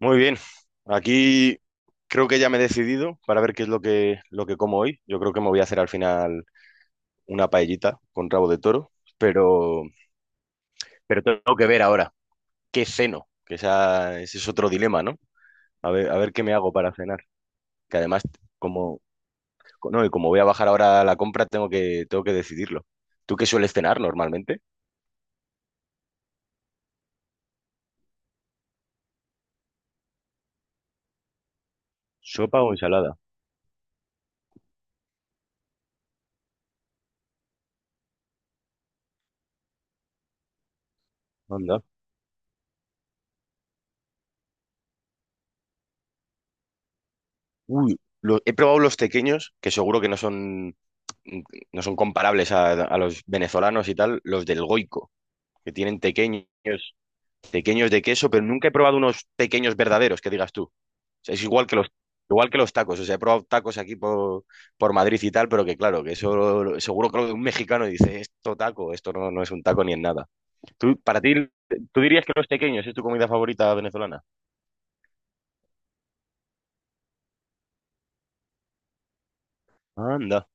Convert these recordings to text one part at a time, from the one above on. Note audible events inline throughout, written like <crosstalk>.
Muy bien, aquí creo que ya me he decidido para ver qué es lo que como hoy. Yo creo que me voy a hacer al final una paellita con rabo de toro, pero, pero tengo que ver ahora qué ceno, que ese es otro dilema, ¿no? A ver qué me hago para cenar, que además, como, no, y como voy a bajar ahora a la compra, tengo que decidirlo. ¿Tú qué sueles cenar normalmente? ¿Sopa o ensalada? Anda. Uy, he probado los tequeños, que seguro que no son comparables a los venezolanos y tal, los del Goico, que tienen tequeños, tequeños de queso, pero nunca he probado unos tequeños verdaderos, que digas tú. O sea, es igual que igual que los tacos. O sea, he probado tacos por Madrid y tal, pero que claro, que eso seguro que lo de un mexicano y dice, esto taco, esto no, no es un taco ni en nada. Tú, para ti, ¿Tú dirías que los tequeños es tu comida favorita venezolana? Anda.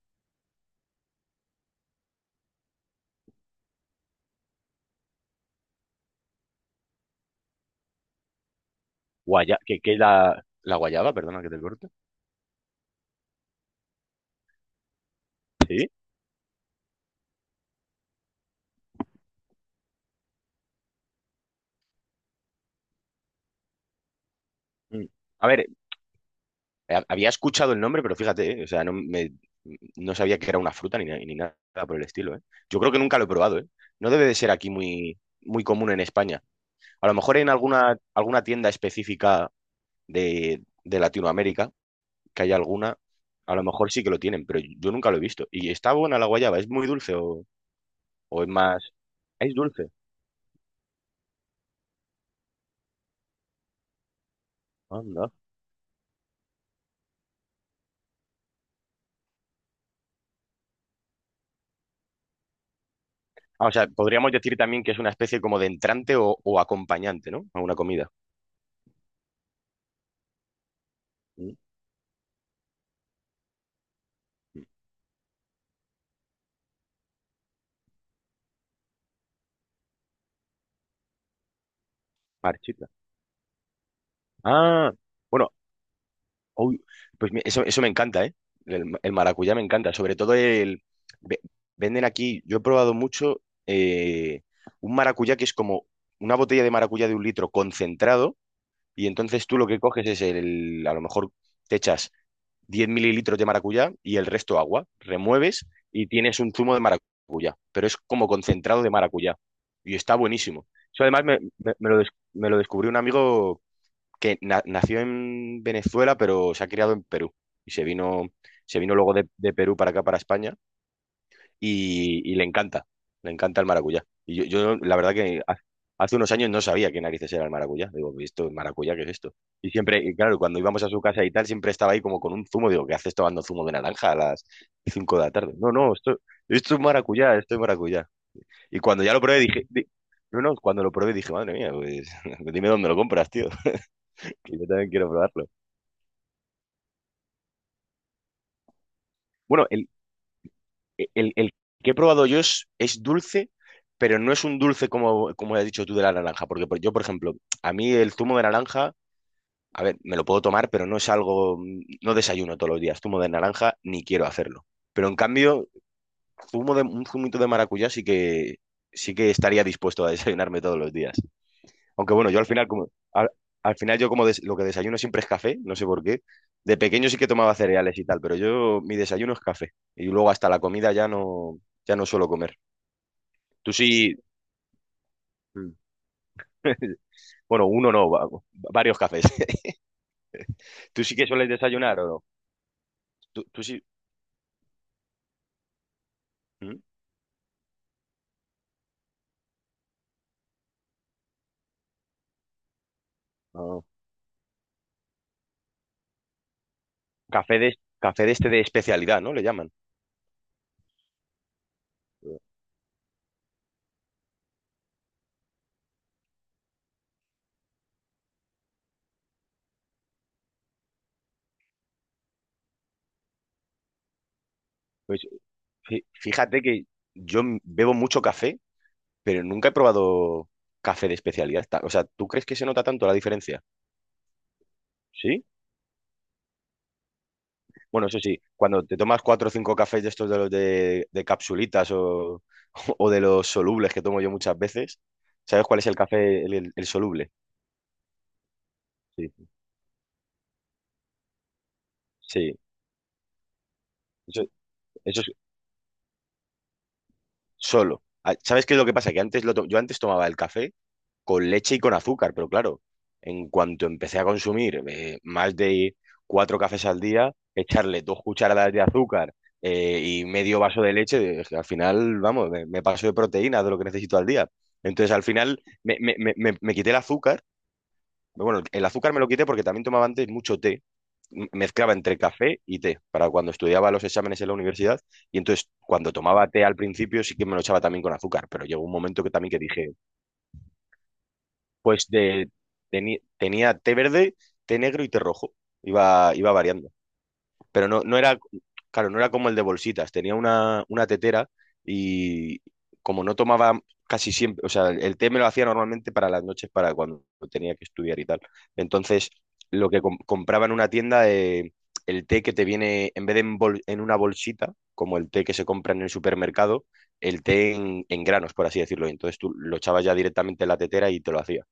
Guaya, la guayaba, perdona que te corte. Sí. Mm. A ver, había escuchado el nombre, pero fíjate, o sea, no sabía que era una fruta ni, ni nada por el estilo, ¿eh? Yo creo que nunca lo he probado, ¿eh? No debe de ser aquí muy común en España. A lo mejor en alguna tienda específica de Latinoamérica, que haya alguna, a lo mejor sí que lo tienen, pero yo nunca lo he visto. ¿Y está buena la guayaba? ¿Es muy dulce o es más...? Es dulce. Anda. Ah, o sea, podríamos decir también que es una especie como de entrante o acompañante, ¿no? A una comida. Mm. Marchita. Ah, bueno. Uy, pues eso, eso me encanta, ¿eh? El maracuyá me encanta. Sobre todo el... ve- Venden aquí, yo he probado mucho, un maracuyá que es como una botella de maracuyá de un litro concentrado y entonces tú lo que coges es el... A lo mejor te echas 10 mililitros de maracuyá y el resto agua. Remueves y tienes un zumo de maracuyá, pero es como concentrado de maracuyá. Y está buenísimo. Eso además me lo, me lo descubrió un amigo que nació en Venezuela, pero se ha criado en Perú. Y se vino, se vino luego de Perú para acá, para España, y le encanta el maracuyá. Y yo, la verdad que hace unos años no sabía qué narices era el maracuyá. Digo, ¿esto es maracuyá? ¿Qué es esto? Y siempre, y claro, cuando íbamos a su casa y tal, siempre estaba ahí como con un zumo. Digo, ¿qué haces tomando zumo de naranja a las 5 de la tarde? No, no, esto es maracuyá, esto es maracuyá. Y cuando ya lo probé dije... no, no, cuando lo probé dije, madre mía, pues <laughs> dime dónde lo compras, tío, <laughs> que yo también quiero probarlo. Bueno, el que he probado yo es dulce, pero no es un dulce como, como has dicho tú de la naranja, porque yo, por ejemplo, a mí el zumo de naranja, a ver, me lo puedo tomar, pero no es algo, no desayuno todos los días zumo de naranja, ni quiero hacerlo. Pero en cambio, zumo de, un zumito de maracuyá sí que estaría dispuesto a desayunarme todos los días. Aunque bueno, yo al final, al final yo como lo que desayuno siempre es café, no sé por qué. De pequeño sí que tomaba cereales y tal, pero yo mi desayuno es café. Y luego hasta la comida ya no suelo comer. Tú sí. Mm. <laughs> Bueno, uno no, varios cafés. <laughs> ¿Tú sí que sueles desayunar o no? Tú sí. ¿Mm? Ah. Café de, café de este de especialidad, ¿no? Le llaman. Pues fíjate que yo bebo mucho café, pero nunca he probado café de especialidad. Ta- O sea, ¿tú crees que se nota tanto la diferencia? ¿Sí? Bueno, eso sí, cuando te tomas cuatro o cinco cafés de estos de capsulitas o, <laughs> o de los solubles que tomo yo muchas veces, ¿sabes cuál es el café, el soluble? Sí, sí, eso, eso es solo. Ah, ¿sabes qué es lo que pasa? Que antes yo antes tomaba el café con leche y con azúcar, pero claro, en cuanto empecé a consumir más de cuatro cafés al día, echarle dos cucharadas de azúcar y medio vaso de leche, es que al final, vamos, me paso de proteínas de lo que necesito al día. Entonces, al final, me quité el azúcar. Bueno, el azúcar me lo quité porque también tomaba antes mucho té. Mezclaba entre café y té para cuando estudiaba los exámenes en la universidad. Y entonces, cuando tomaba té al principio, sí que me lo echaba también con azúcar. Pero llegó un momento que también que dije, pues de, tenía té verde, té negro y té rojo. Iba variando. Pero no era, claro, no era como el de bolsitas. Tenía una tetera y como no tomaba casi siempre, o sea, el té me lo hacía normalmente para las noches, para cuando tenía que estudiar y tal. Entonces, lo que compraba en una tienda, el té que te viene, en vez de en, en una bolsita, como el té que se compra en el supermercado, el té en granos, por así decirlo. Entonces tú lo echabas ya directamente en la tetera y te lo hacía.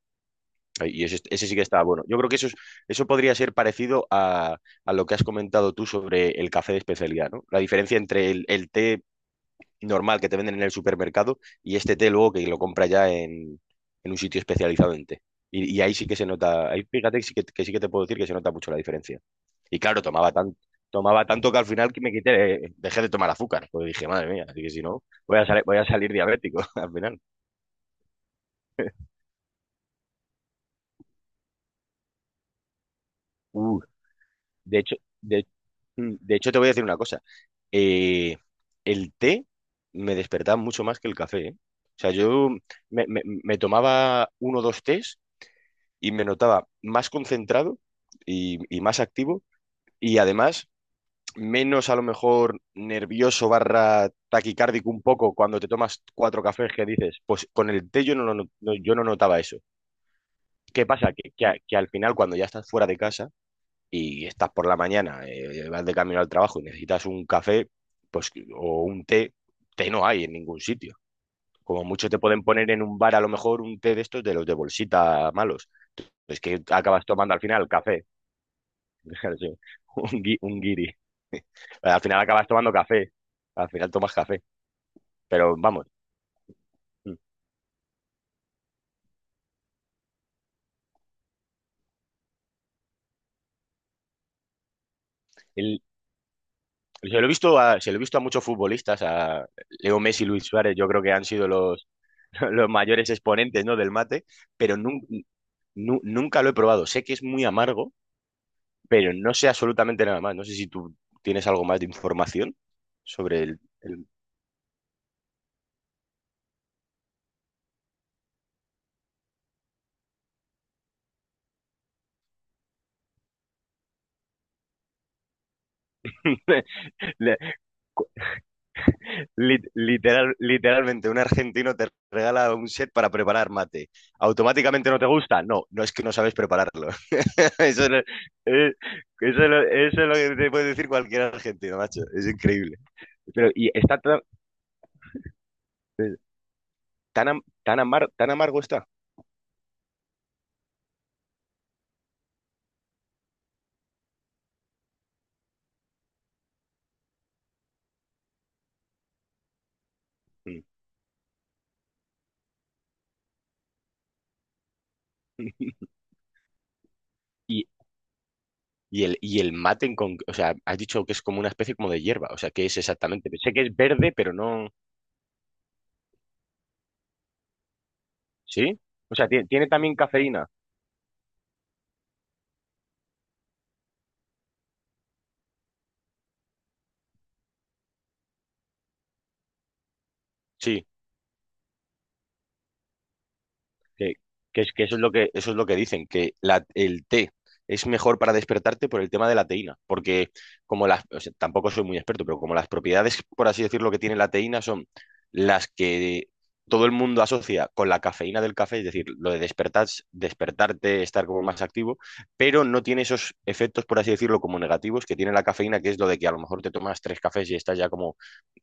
Y ese sí que está bueno. Yo creo que eso podría ser parecido a lo que has comentado tú sobre el café de especialidad, ¿no? La diferencia entre el té normal que te venden en el supermercado y este té luego que lo compra ya en un sitio especializado en té. Y ahí sí que se nota, ahí fíjate que sí que te puedo decir que se nota mucho la diferencia. Y claro, tomaba tanto que al final que me quité, dejé de tomar azúcar. Pues dije, madre mía, así que si no, voy a salir diabético <laughs> al final. Uh, De hecho, de hecho, te voy a decir una cosa. Eh, el té me despertaba mucho más que el café, ¿eh? O sea, yo me tomaba uno o dos tés y me notaba más concentrado y más activo y además menos a lo mejor nervioso barra taquicárdico un poco cuando te tomas cuatro cafés que dices, pues con el té yo no, lo no- yo no notaba eso. ¿Qué pasa? Que que al final cuando ya estás fuera de casa y estás por la mañana, vas de camino al trabajo y necesitas un café, pues, o un té, té no hay en ningún sitio. Como mucho te pueden poner en un bar a lo mejor un té de estos de los de bolsita malos. Es que acabas tomando al final café. <laughs> Sí, un, un guiri. <laughs> Al final acabas tomando café. Al final tomas café. Pero vamos. el- Se lo he visto se lo he visto a muchos futbolistas, a Leo Messi y Luis Suárez, yo creo que han sido los, <laughs> los mayores exponentes, ¿no?, del mate, pero nunca lo he probado. Sé que es muy amargo, pero no sé absolutamente nada más. No sé si tú tienes algo más de información sobre el... <laughs> le- literal, literalmente, un argentino te regala un set para preparar mate. ¿Automáticamente no te gusta? No, no es que no sabes prepararlo. <laughs> Eso es, eh, eso es lo que te puede decir cualquier argentino, macho. Es increíble. Pero, y está eh, tan amargo está. Mm. <laughs> Y, y el, y el mate, o sea, has dicho que es como una especie como de hierba, o sea, ¿qué es exactamente? Sé que es verde, pero no... ¿Sí? O sea, ¿tiene, también cafeína? Sí. Que, que es, que eso es eso es lo que dicen, que la, el té es mejor para despertarte por el tema de la teína, porque como las, o sea, tampoco soy muy experto, pero como las propiedades, por así decirlo, que tiene la teína son las que todo el mundo asocia con la cafeína del café, es decir, lo de despertar, despertarte, estar como más activo, pero no tiene esos efectos, por así decirlo, como negativos que tiene la cafeína, que es lo de que a lo mejor te tomas tres cafés y estás ya como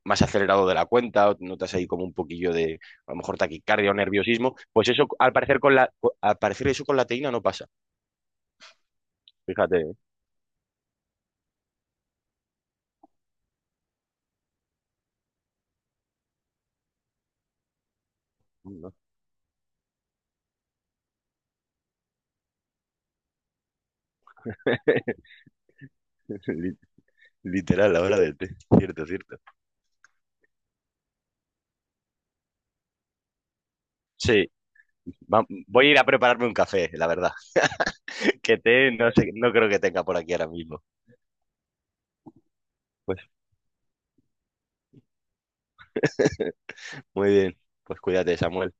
más acelerado de la cuenta, o notas ahí como un poquillo de, a lo mejor, taquicardia o nerviosismo, pues eso, al parecer, con la, al parecer eso con la teína no pasa. Fíjate, ¿eh? No. <laughs> Li- Literal, la hora del té. Cierto, cierto. Sí, voy a ir a prepararme un café, la verdad. <laughs> Que té no sé, no creo que tenga por aquí ahora mismo. Pues muy bien, pues cuídate, Samuel.